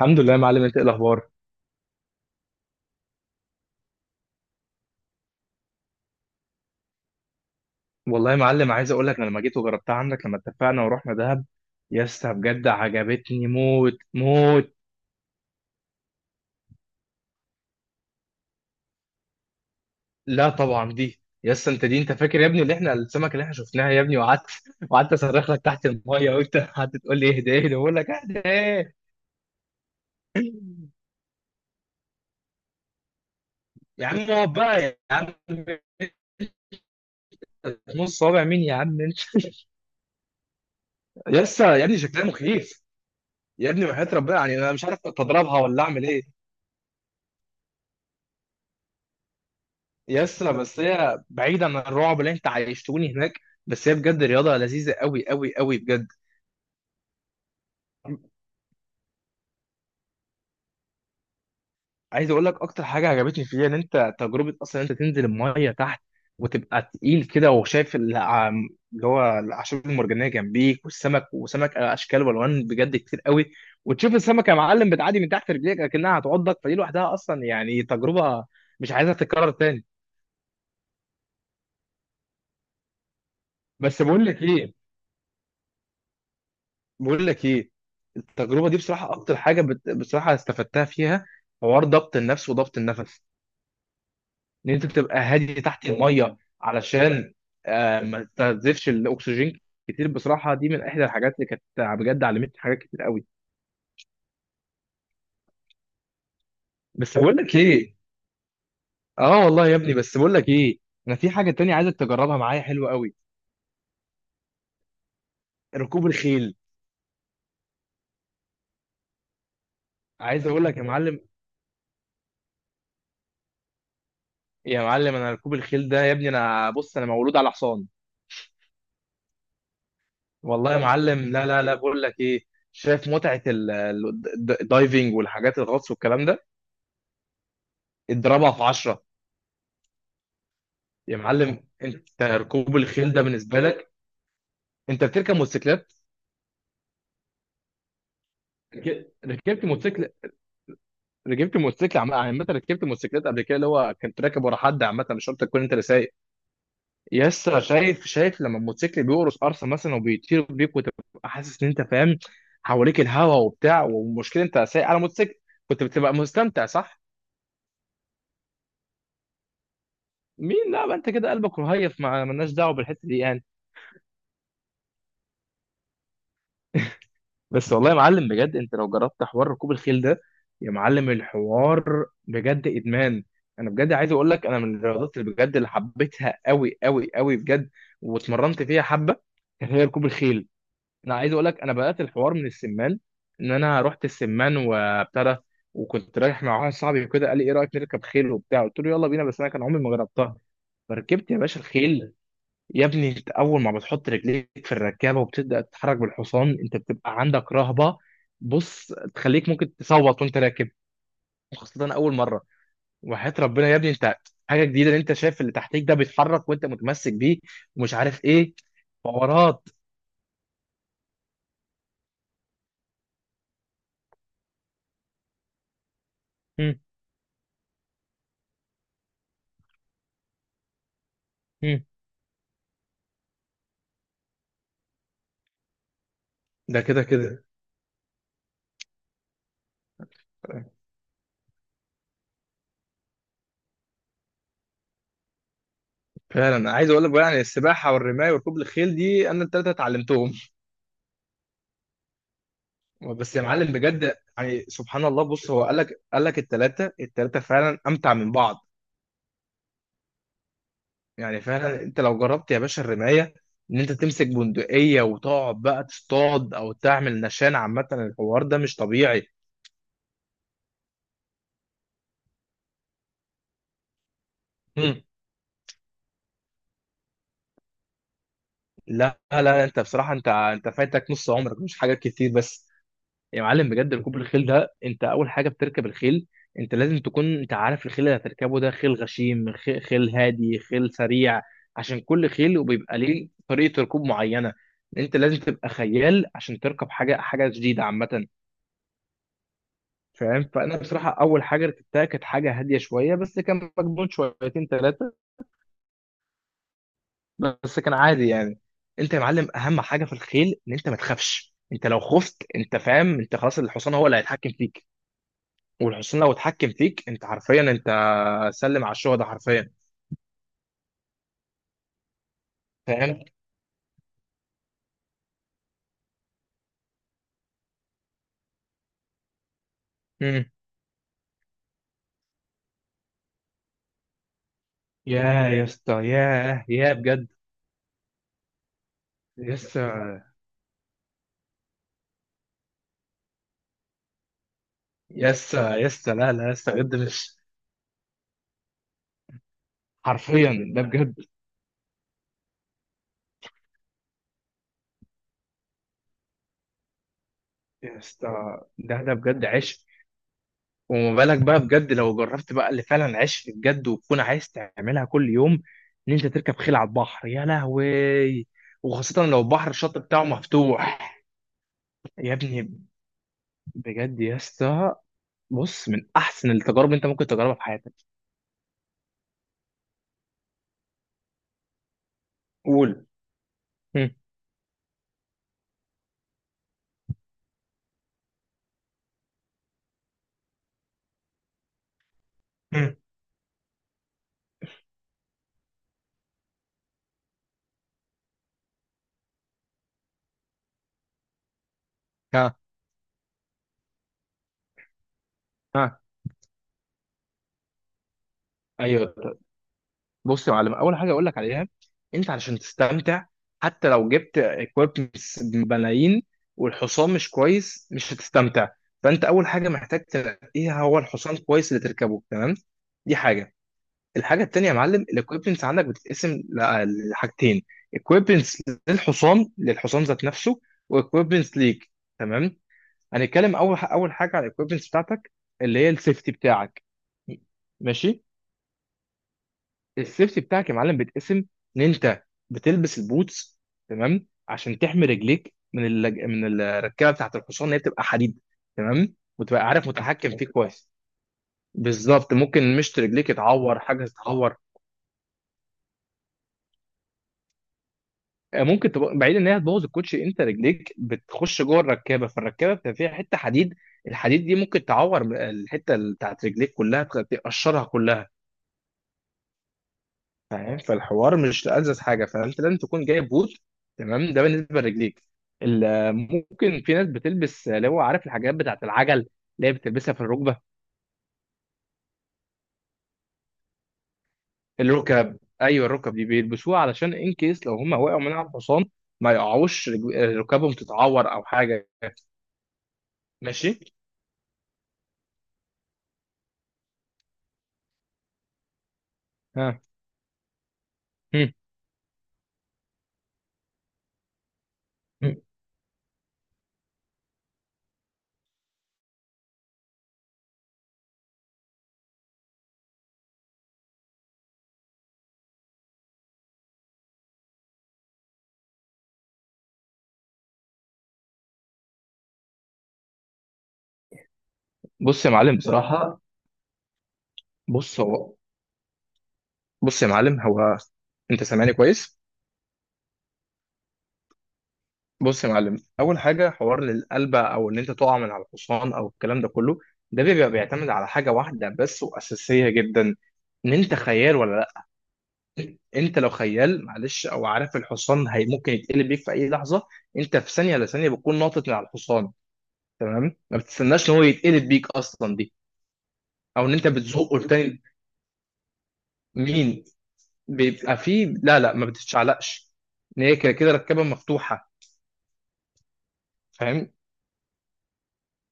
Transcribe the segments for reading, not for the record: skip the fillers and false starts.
الحمد لله يا معلم، انت ايه الاخبار؟ والله يا معلم، عايز اقول لك انا لما جيت وجربتها عندك لما اتفقنا ورحنا دهب، يا اسطى بجد عجبتني موت موت. لا طبعا دي يا اسطى انت، دي انت فاكر يا ابني اللي احنا السمكه اللي احنا شفناها يا ابني، وقعدت اصرخ لك تحت الميه، وانت قعدت تقول لي اهدى اهدى، بقول لك اهدى ايه؟ يا عم اقعد بقى يا عم، نص صوابع مين يا عم انت؟ يا اسطى يا ابني شكلها مخيف، يا ابني وحياة ربنا، يعني انا مش عارف اتضربها ولا اعمل ايه. يسا، بس هي بعيد عن الرعب اللي انت عايشتوني هناك، بس هي بجد رياضة لذيذة قوي قوي قوي بجد. عايز اقول لك اكتر حاجة عجبتني فيها ان انت تجربة اصلا، انت تنزل المية تحت، وتبقى تقيل كده وشايف اللي هو الاعشاب المرجانية جنبيك، والسمك وسمك اشكال والوان بجد كتير قوي، وتشوف السمكة يا معلم بتعدي من تحت رجليك اكنها هتعضك، فدي لوحدها اصلا يعني تجربة مش عايزها تتكرر تاني. بس بقول لك ايه، التجربه دي بصراحه اكتر حاجه بصراحه استفدتها فيها حوار ضبط النفس وضبط النفس، ان انت تبقى هادي تحت الميه علشان ما تستنزفش الاكسجين كتير. بصراحه دي من احدى الحاجات اللي كانت بجد علمتني حاجات كتير قوي. بس بقول لك ايه، اه والله يا ابني، بس بقول لك ايه، انا في حاجه تانية عايزك تجربها معايا حلوه قوي، ركوب الخيل. عايز اقول لك يا معلم، يا معلم انا ركوب الخيل ده يا ابني، انا بص انا مولود على حصان. والله يا معلم لا لا لا، بقول لك ايه، شايف متعه الدايفنج والحاجات الغطس والكلام ده، اضربها في 10. يا معلم انت ركوب الخيل ده بالنسبه لك انت بتركب موتوسيكلات. ركبت موتوسيكل، ركبت موتوسيكل عامه، ركبت موتوسيكلات قبل كده، اللي هو كنت راكب ورا حد، عامه مش شرط تكون انت اللي سايق. يس، شايف لما الموتوسيكل بيقرص قرصه مثلا وبيطير بيك، وتبقى حاسس ان انت فاهم حواليك الهوا وبتاع، والمشكله انت سايق على موتوسيكل، كنت بتبقى مستمتع صح؟ مين؟ لا، ما انت كده قلبك رهيف، مع مالناش دعوه بالحته دي يعني. بس والله يا معلم بجد، انت لو جربت حوار ركوب الخيل ده، يا معلم الحوار بجد ادمان. انا بجد عايز اقول لك، انا من الرياضات اللي بجد اللي حبيتها قوي قوي قوي بجد، واتمرنت فيها حبه، كانت هي ركوب الخيل. انا عايز اقول لك، انا بدات الحوار من السمان، ان انا رحت السمان وابتدى. وكنت رايح مع واحد صاحبي وكده قال لي ايه رايك نركب خيل وبتاع، قلت له يلا بينا، بس انا كان عمري ما جربتها. فركبت يا باشا الخيل، يا ابني انت اول ما بتحط رجليك في الركابه وبتبدا تتحرك بالحصان، انت بتبقى عندك رهبه، بص تخليك ممكن تصوت وانت راكب، خاصه اول مره. وحياه ربنا يا ابني انت، حاجه جديده ان انت شايف اللي تحتيك ده بيتحرك، وانت متمسك بيه، ومش عارف ايه، حوارات. هم، هم. ده كده كده، فعلا عايز اقول لك بقى، يعني السباحه والرمايه وركوب الخيل دي انا الثلاثه اتعلمتهم. بس يا معلم بجد يعني سبحان الله، بص هو قال لك الثلاثه فعلا امتع من بعض. يعني فعلا انت لو جربت يا باشا الرمايه، ان انت تمسك بندقيه وتقعد بقى تصطاد او تعمل نشان، عامه الحوار ده مش طبيعي. مم. لا لا، انت بصراحه، انت فايتك نص عمرك، مش حاجات كتير بس. يا معلم بجد ركوب الخيل ده، انت اول حاجه بتركب الخيل، انت لازم تكون انت عارف الخيل اللي هتركبه ده، خيل غشيم، خيل هادي، خيل سريع، عشان كل خيل وبيبقى ليه طريقه ركوب معينه. انت لازم تبقى خيال عشان تركب حاجه جديده عامه، فاهم. فانا بصراحه اول حاجه ركبتها كانت حاجه هاديه شويه، بس كان مجنون شويتين ثلاثه، بس كان عادي يعني. انت يا معلم اهم حاجه في الخيل ان انت ما تخافش، انت لو خفت انت فاهم انت خلاص، الحصان هو اللي هيتحكم فيك، والحصان لو اتحكم فيك انت حرفيا انت سلم على الشهداء حرفيا. فاهم. مم. يا يا اسطى، يا بجد. يا اسطى يا اسطى، يا اسطى، لا لا يا اسطى بجد، مش حرفيا ده بجد. يا اسطى ده بجد عشق، وما بالك بقى بجد لو جربت بقى اللي فعلا عشت بجد، وتكون عايز تعملها كل يوم، ان انت تركب خيل على البحر يا لهوي، وخاصة لو البحر الشط بتاعه مفتوح. يا ابني بجد يا اسطى، بص من احسن التجارب انت ممكن تجربها في حياتك. قول. هم. مم. ها. ها. ايوه. بص يا معلم، اول حاجه اقول لك عليها، انت علشان تستمتع حتى لو جبت اكويبمنتس بملايين والحصان مش كويس مش هتستمتع، فانت اول حاجه محتاج تلاقيها هو الحصان كويس اللي تركبه، تمام؟ دي حاجه. الحاجه التانيه يا معلم الاكويبمنتس عندك بتتقسم لحاجتين، اكويبمنتس للحصان ذات نفسه، واكويبمنتس ليك، تمام؟ هنتكلم اول حاجه على الاكويبمنتس بتاعتك، اللي هي السيفتي بتاعك. ماشي. السيفتي بتاعك يا معلم بيتقسم ان انت بتلبس البوتس، تمام، عشان تحمي رجليك من من الركبه بتاعت الحصان اللي هي بتبقى حديد، تمام، وتبقى عارف متحكم فيه كويس. بالظبط، ممكن مشط رجليك يتعور، حاجه تتعور. آه، ممكن تبقى بعيد ان هي تبوظ الكوتشي، انت رجليك بتخش جوه الركابه، فالركابه بتبقى فيها حته حديد، الحديد دي ممكن تعور الحته بتاعت رجليك كلها، تقشرها كلها. فاهم، فالحوار مش ألذذ حاجه، فانت لازم تكون جايب بوت، تمام، ده بالنسبه لرجليك. ممكن في ناس بتلبس اللي هو عارف الحاجات بتاعت العجل، اللي هي بتلبسها في الركبه. الركب ايوه، الركب دي بيلبسوها علشان ان كيس لو هم وقعوا من على الحصان، ما يقعوش ركبهم تتعور او حاجه. ماشي. ها. هم. هم. بص يا معلم بصراحه، بص هو بص يا معلم هو، انت سامعني كويس؟ بص يا معلم، اول حاجه حوار للقلبه او ان انت تقع من على الحصان او الكلام ده كله، ده بيبقى بيعتمد على حاجه واحده بس واساسيه جدا، ان انت خيال ولا لا. انت لو خيال معلش، او عارف الحصان هي ممكن يتقلب بيك في اي لحظه، انت في ثانيه لثانيه بتكون ناطط من على الحصان، تمام، ما بتستناش ان هو يتقلب بيك اصلا دي، او ان انت بتزقه لتاني. مين؟ بيبقى فيه، لا لا ما بتتشعلقش، ان هي كده كده ركبه مفتوحه.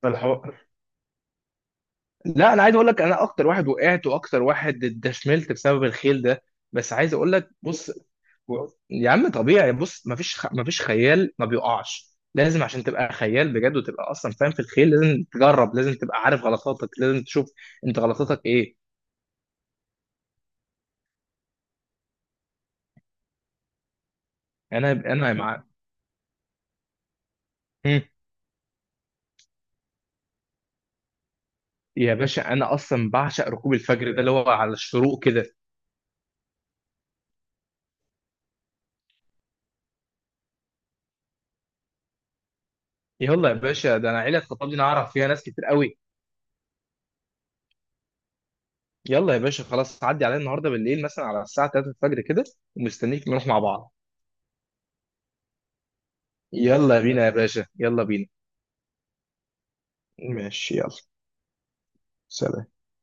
فاهم. لا انا عايز اقول لك، انا اكتر واحد وقعت واكتر واحد اتدشملت بسبب الخيل ده، بس عايز اقول لك بص، يا عم طبيعي، بص مفيش مفيش خيال ما بيقعش، لازم عشان تبقى خيال بجد، وتبقى اصلا فاهم في الخيل لازم تجرب، لازم تبقى عارف غلطاتك، لازم تشوف انت غلطاتك ايه. انا مع. هم. يا باشا انا اصلا بعشق ركوب الفجر ده اللي هو على الشروق كده. يلا يا باشا، ده انا عيله خطيبتي انا اعرف فيها ناس كتير قوي. يلا يا باشا خلاص، عدي عليا النهارده بالليل مثلا على الساعه 3 الفجر كده، ومستنيك نروح مع بعض. يلا بينا يا باشا يلا بينا. ماشي يلا. سلام.